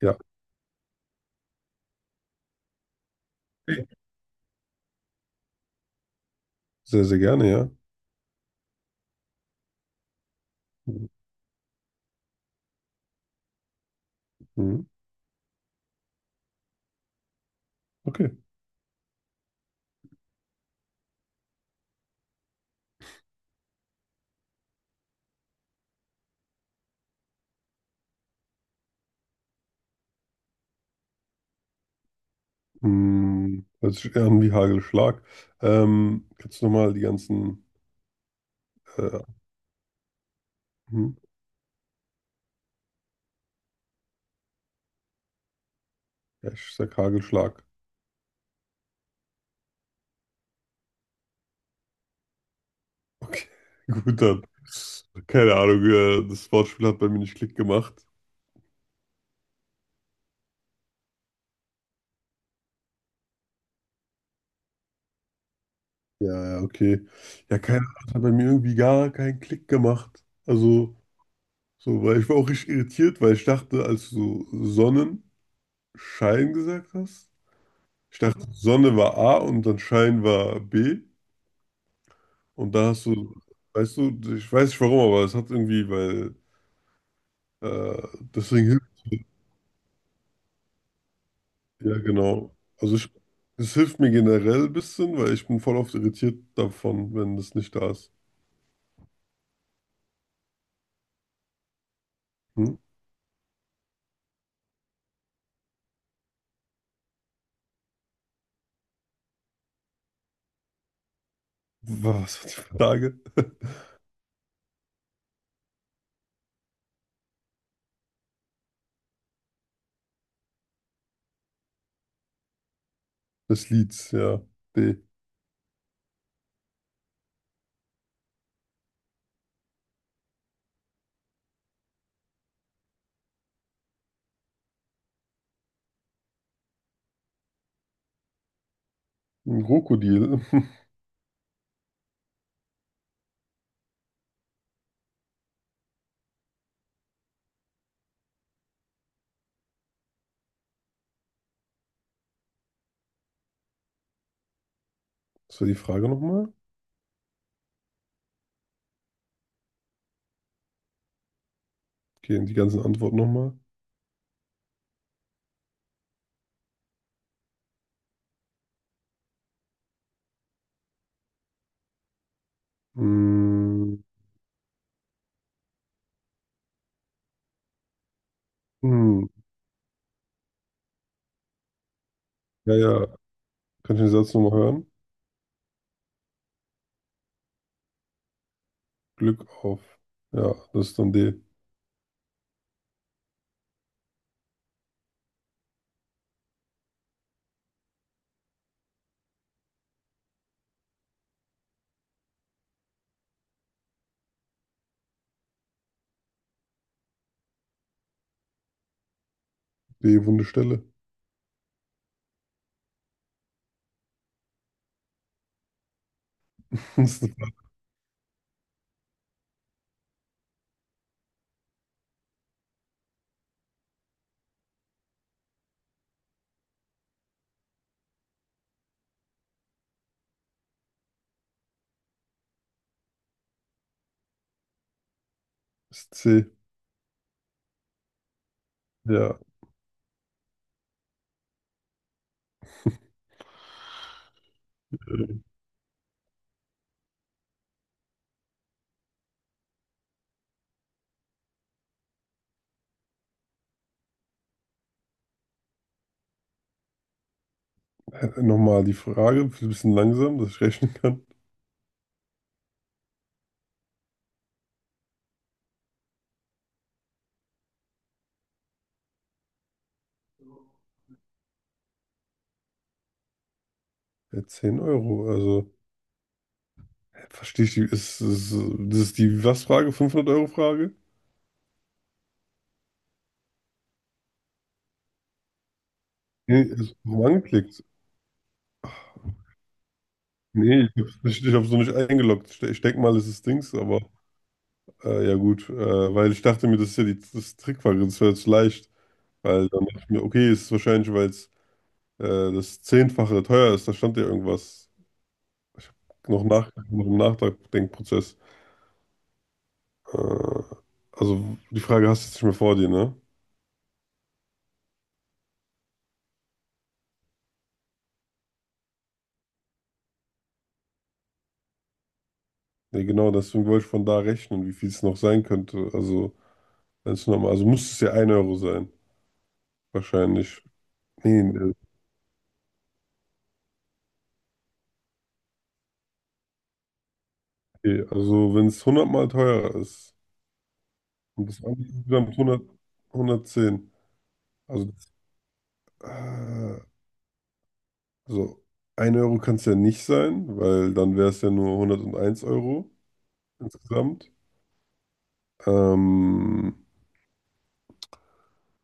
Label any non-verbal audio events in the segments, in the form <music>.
Ja, okay. Sehr, sehr gerne, ja. Mhm. Okay. Mhm. Hört sich eher an wie Hagelschlag. Kannst du nochmal die ganzen. Äh, mhm. Ja, ich sag Hagelschlag. Okay, <laughs> gut dann. Keine Ahnung, das Wortspiel hat bei mir nicht Klick gemacht. Ja, ja, okay. Ja, keine Ahnung, das hat bei mir irgendwie gar keinen Klick gemacht. Also, so, weil ich war auch richtig irritiert, weil ich dachte, als du so Sonnenschein gesagt hast, ich dachte, Sonne war A und dann Schein war B. Und da hast du, weißt du, ich weiß nicht warum, aber es hat irgendwie, weil äh, deswegen hilft, ja genau. Also ich, es hilft mir generell ein bisschen, weil ich bin voll oft irritiert davon, wenn das nicht da ist. Hm? Was war die Frage? <laughs> Das Lied, ja. D. Ein Krokodil. <laughs> Das war die Frage nochmal. Okay, und die ganzen Antworten nochmal. Hm. Hm. Ja, ja. Kann ich den Satz nochmal hören? Glück auf. Ja, das ist dann D. D, wunde Stelle. <laughs> Das ist C. Ja, äh, nochmal die Frage, ein bisschen langsam, dass ich rechnen kann. Ja, 10 Euro, also verstehe ich die, ist, das ist die was-Frage, 500-Euro-Frage? Nee, ist wo angeklickt. Nee, ich hab's noch nicht eingeloggt. Ich denke mal, es ist Dings, aber ja gut, weil ich dachte mir, das ist ja die, das Trickfrage, das wäre jetzt leicht, weil dann dachte ich mir, okay, es ist wahrscheinlich, weil es das Zehnfache teuer ist, da stand ja irgendwas. Ich habe noch im Nachdenkprozess. Äh, also die Frage hast du jetzt nicht mehr vor dir, ne? Nee, genau, deswegen wollte ich von da rechnen, wie viel es noch sein könnte. Also, wenn es nochmal, also muss es ja 1 Euro sein, wahrscheinlich. Nee, nee, okay. Also, wenn es 100 Mal teurer ist und das andere insgesamt 100, 110, also, äh, also 1 Euro kann es ja nicht sein, weil dann wäre es ja nur 101 Euro insgesamt. Ähm,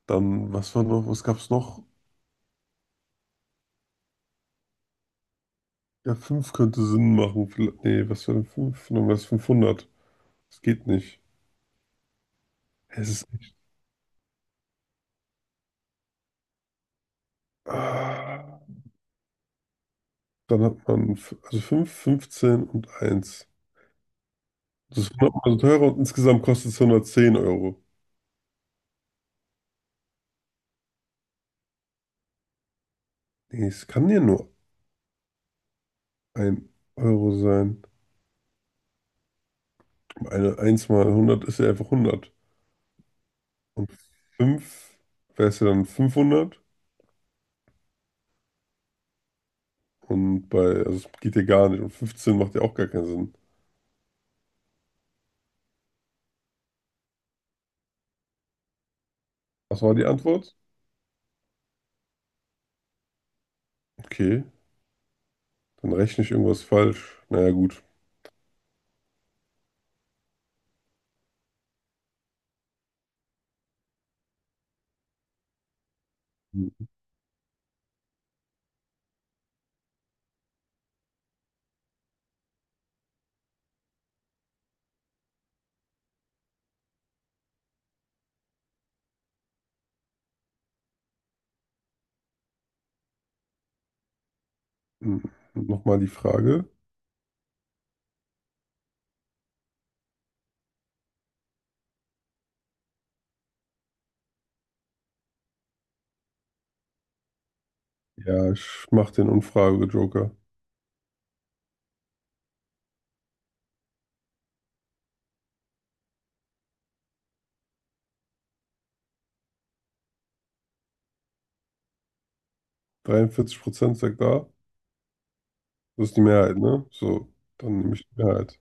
Dann, was war noch, was gab es noch? Ja, 5 könnte Sinn machen. Nee, was wäre denn 5? Dann wäre es 500. Das geht nicht. Es ist. Ah, dann hat man also 5, 15 und eins. Das ist 100 Mal so teurer und insgesamt kostet es 110 Euro. Nee, es kann ja nur 1 Euro sein. Eine eins mal 100 ist ja einfach 100. Und 5 wäre es ja dann 500. Und bei, also es geht ja gar nicht. Und 15 macht ja auch gar keinen Sinn. Was war die Antwort? Okay, dann rechne ich irgendwas falsch. Naja, gut. Hm, nochmal die Frage. Ja, ich mach den Umfrage-Joker. 43% sagt A. Das ist die Mehrheit, ne? So, dann nehme ich die Mehrheit.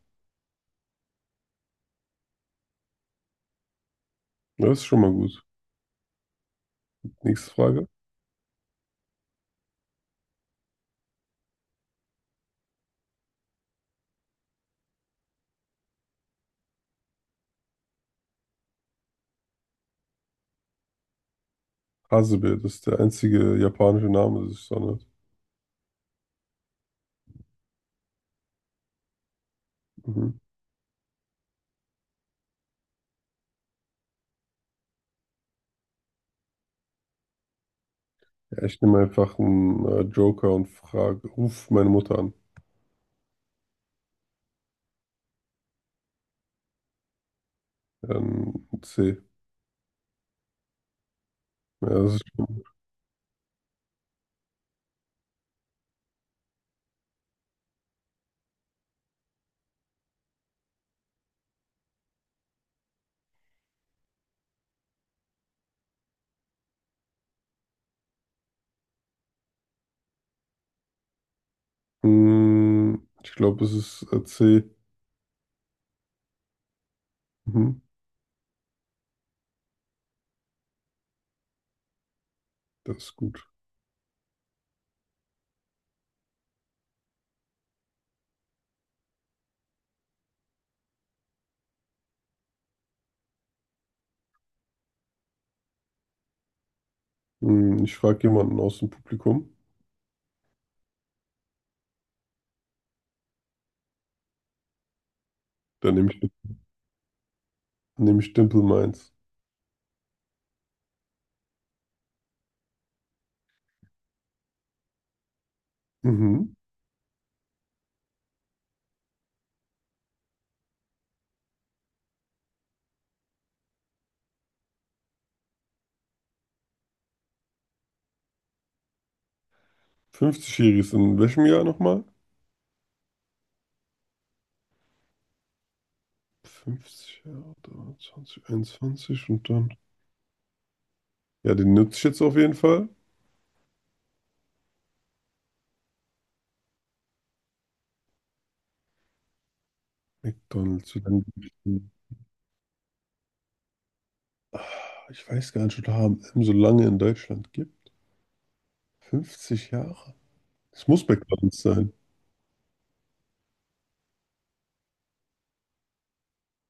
Ja, das ist schon mal gut. Nächste Frage. Hasebe, das ist der einzige japanische Name, das ist so nett. Mhm. Ja, ich nehme einfach einen Joker und frage, ruf meine Mutter an. Dann C. Ja, das ist schon. Hm, ich glaube, es ist C. Mhm. Das ist gut. Hm, ich frage jemanden aus dem Publikum. Dann nehme ich Dimple Minds. Mhm. 50-jährig ist in welchem Jahr nochmal? 50 Jahre, 23, 21 und dann. Ja, den nutze ich jetzt auf jeden Fall. McDonald's. Wie lange gibt's den? Ah, ich weiß gar nicht, ob es HM so lange in Deutschland gibt. 50 Jahre. Es muss McDonald's sein.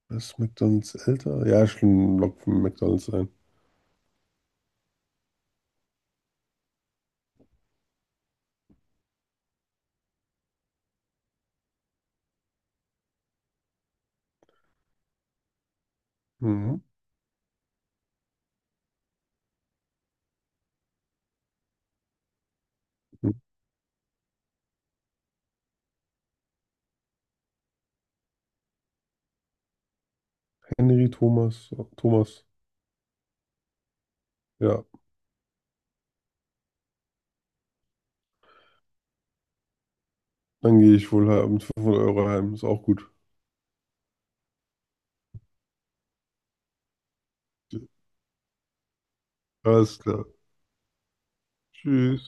Ist McDonald's älter? Ja, schon lockt von McDonald's sein. Mhm. Henry Thomas. Thomas. Ja, dann gehe ich wohl mit 500 Euro heim. Ist auch gut. Alles klar. Tschüss.